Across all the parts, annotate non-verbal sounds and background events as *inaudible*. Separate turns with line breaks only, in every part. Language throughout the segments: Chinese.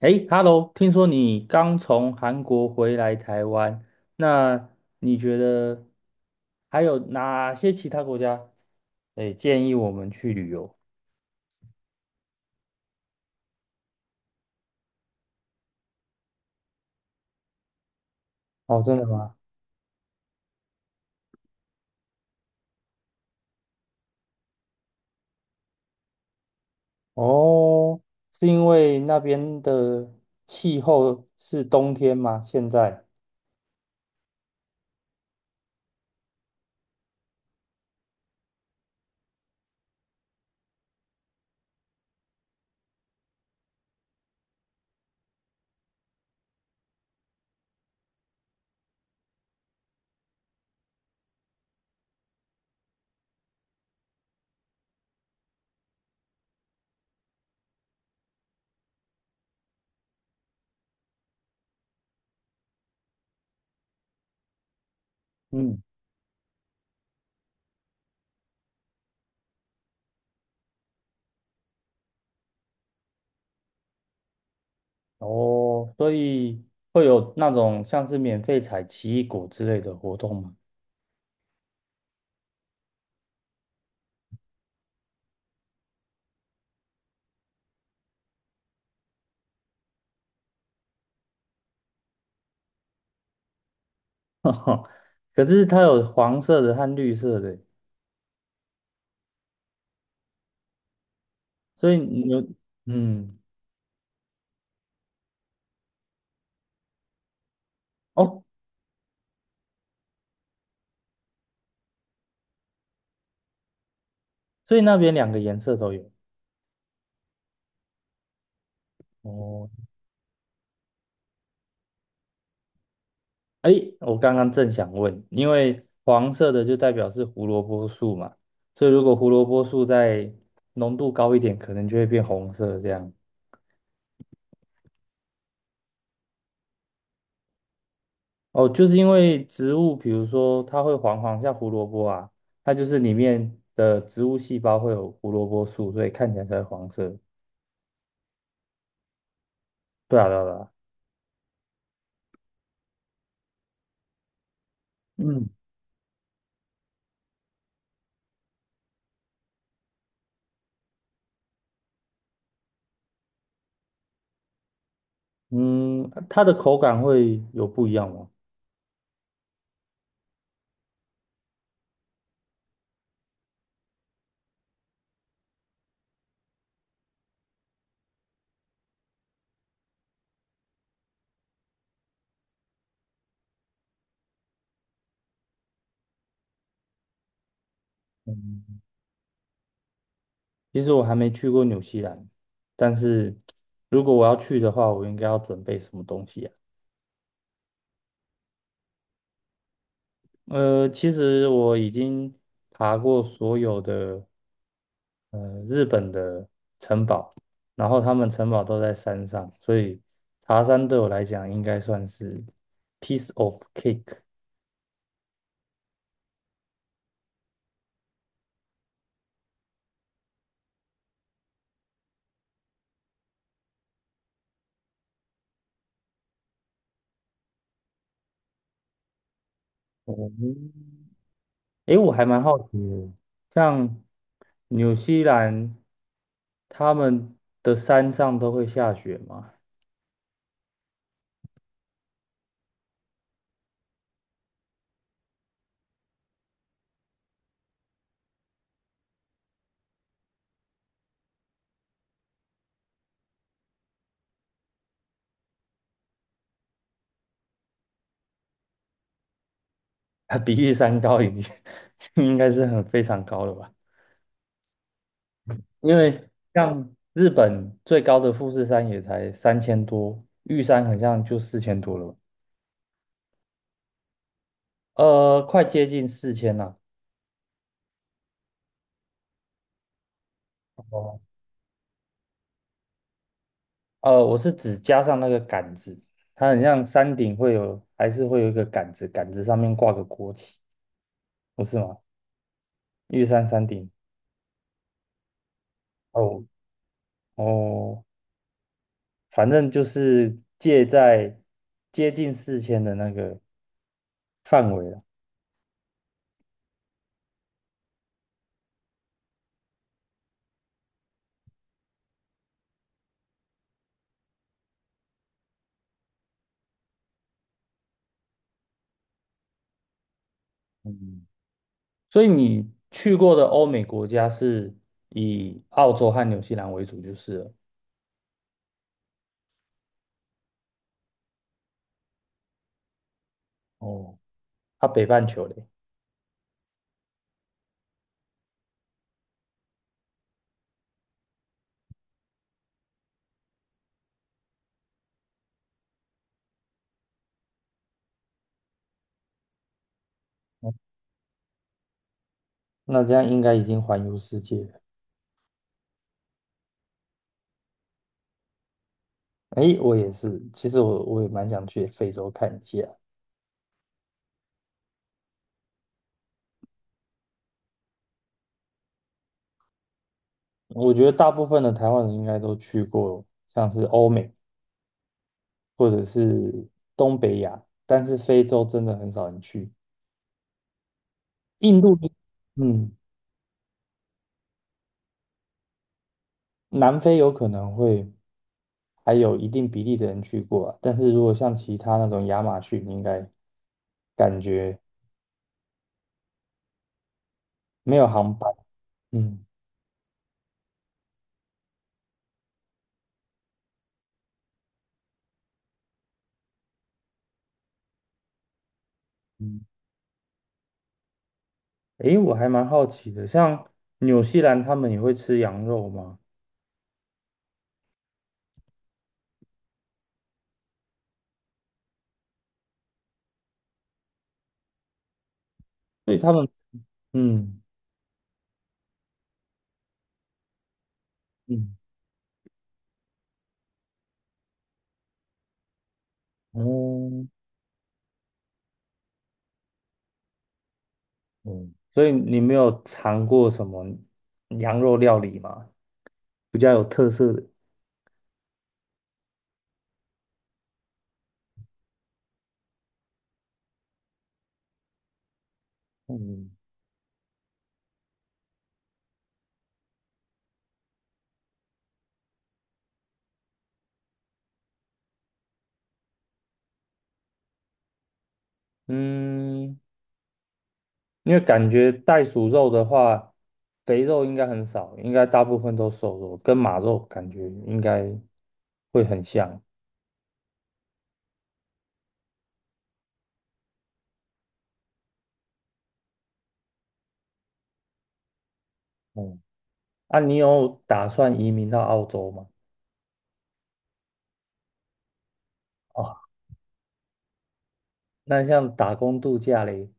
诶， hello， 听说你刚从韩国回来台湾，那你觉得还有哪些其他国家，诶，建议我们去旅游？哦，真的吗？哦，是因为那边的气候是冬天吗？现在？嗯。哦，所以会有那种像是免费采奇异果之类的活动吗？*laughs* 可是它有黄色的和绿色的，所以你有，嗯。哦。所以那边两个颜色都有。哦，哎，我刚刚正想问，因为黄色的就代表是胡萝卜素嘛，所以如果胡萝卜素再浓度高一点，可能就会变红色这样。哦，就是因为植物，比如说它会黄黄，像胡萝卜啊，它就是里面的植物细胞会有胡萝卜素，所以看起来才会黄色。对啊，对啊，对啊。嗯，嗯，它的口感会有不一样吗？嗯其实我还没去过纽西兰，但是如果我要去的话，我应该要准备什么东西啊？其实我已经爬过所有的日本的城堡，然后他们城堡都在山上，所以爬山对我来讲应该算是 piece of cake。哦，诶，我还蛮好奇的，像纽西兰他们的山上都会下雪吗？它比玉山高已经 *laughs* 应该是很非常高了吧？因为像日本最高的富士山也才三千多，玉山好像就四千多了吧？快接近四千了。哦，我是指加上那个杆子，它很像山顶会有，还是会有一个杆子，杆子上面挂个国旗，不是吗？玉山山顶。哦。哦，反正就是介在接近四千的那个范围了。嗯。所以你去过的欧美国家是以澳洲和纽西兰为主就是了。哦，它北半球嘞。哦，那这样应该已经环游世界了。诶，我也是，其实我也蛮想去非洲看一下。我觉得大部分的台湾人应该都去过，像是欧美或者是东北亚，但是非洲真的很少人去。印度，嗯，南非有可能会，还有一定比例的人去过啊，但是如果像其他那种亚马逊，应该感觉没有航班。嗯。嗯，诶，我还蛮好奇的，像纽西兰他们也会吃羊肉吗？所以他们，嗯。嗯。哦。嗯，所以你没有尝过什么羊肉料理吗？比较有特色的。嗯。嗯。因为感觉袋鼠肉的话，肥肉应该很少，应该大部分都瘦肉，跟马肉感觉应该会很像。嗯，啊，你有打算移民到澳洲吗？啊，那像打工度假嘞，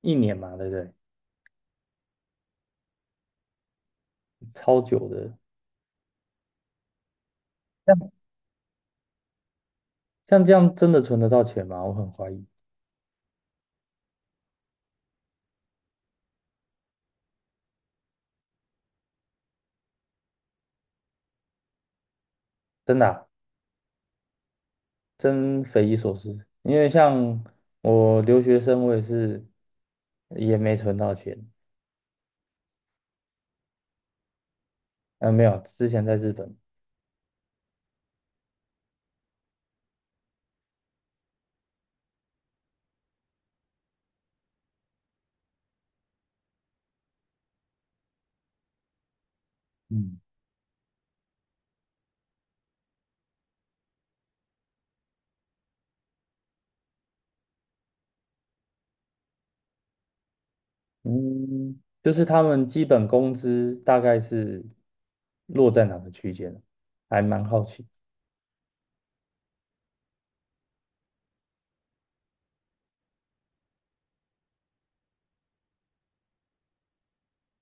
一年嘛，对不对？超久的，像像这样真的存得到钱吗？我很怀疑，真的啊，真匪夷所思。因为像我留学生，我也是也没存到钱，嗯、没有，之前在日本。嗯。嗯，就是他们基本工资大概是落在哪个区间呢？还蛮好奇。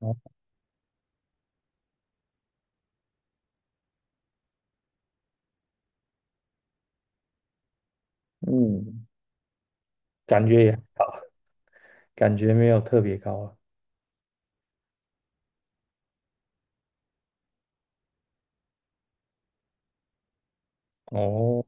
哦，嗯，感觉也感觉没有特别高啊。哦，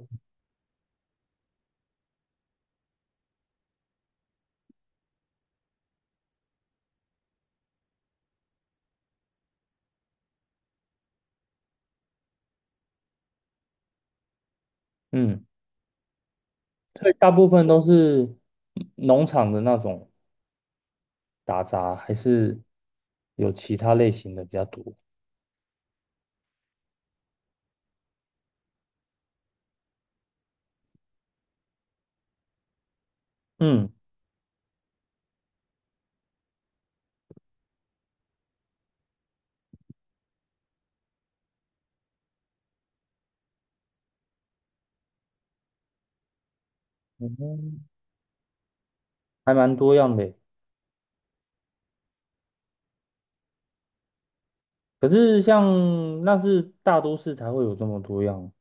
嗯，所以大部分都是农场的那种打杂，还是有其他类型的比较多。嗯，嗯，还蛮多样的耶。可是像那是大都市才会有这么多样，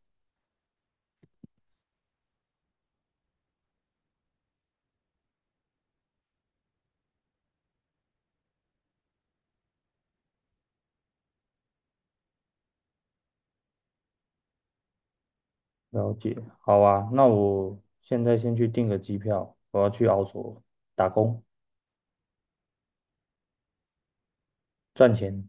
了解，好啊，那我现在先去订个机票，我要去澳洲打工赚钱。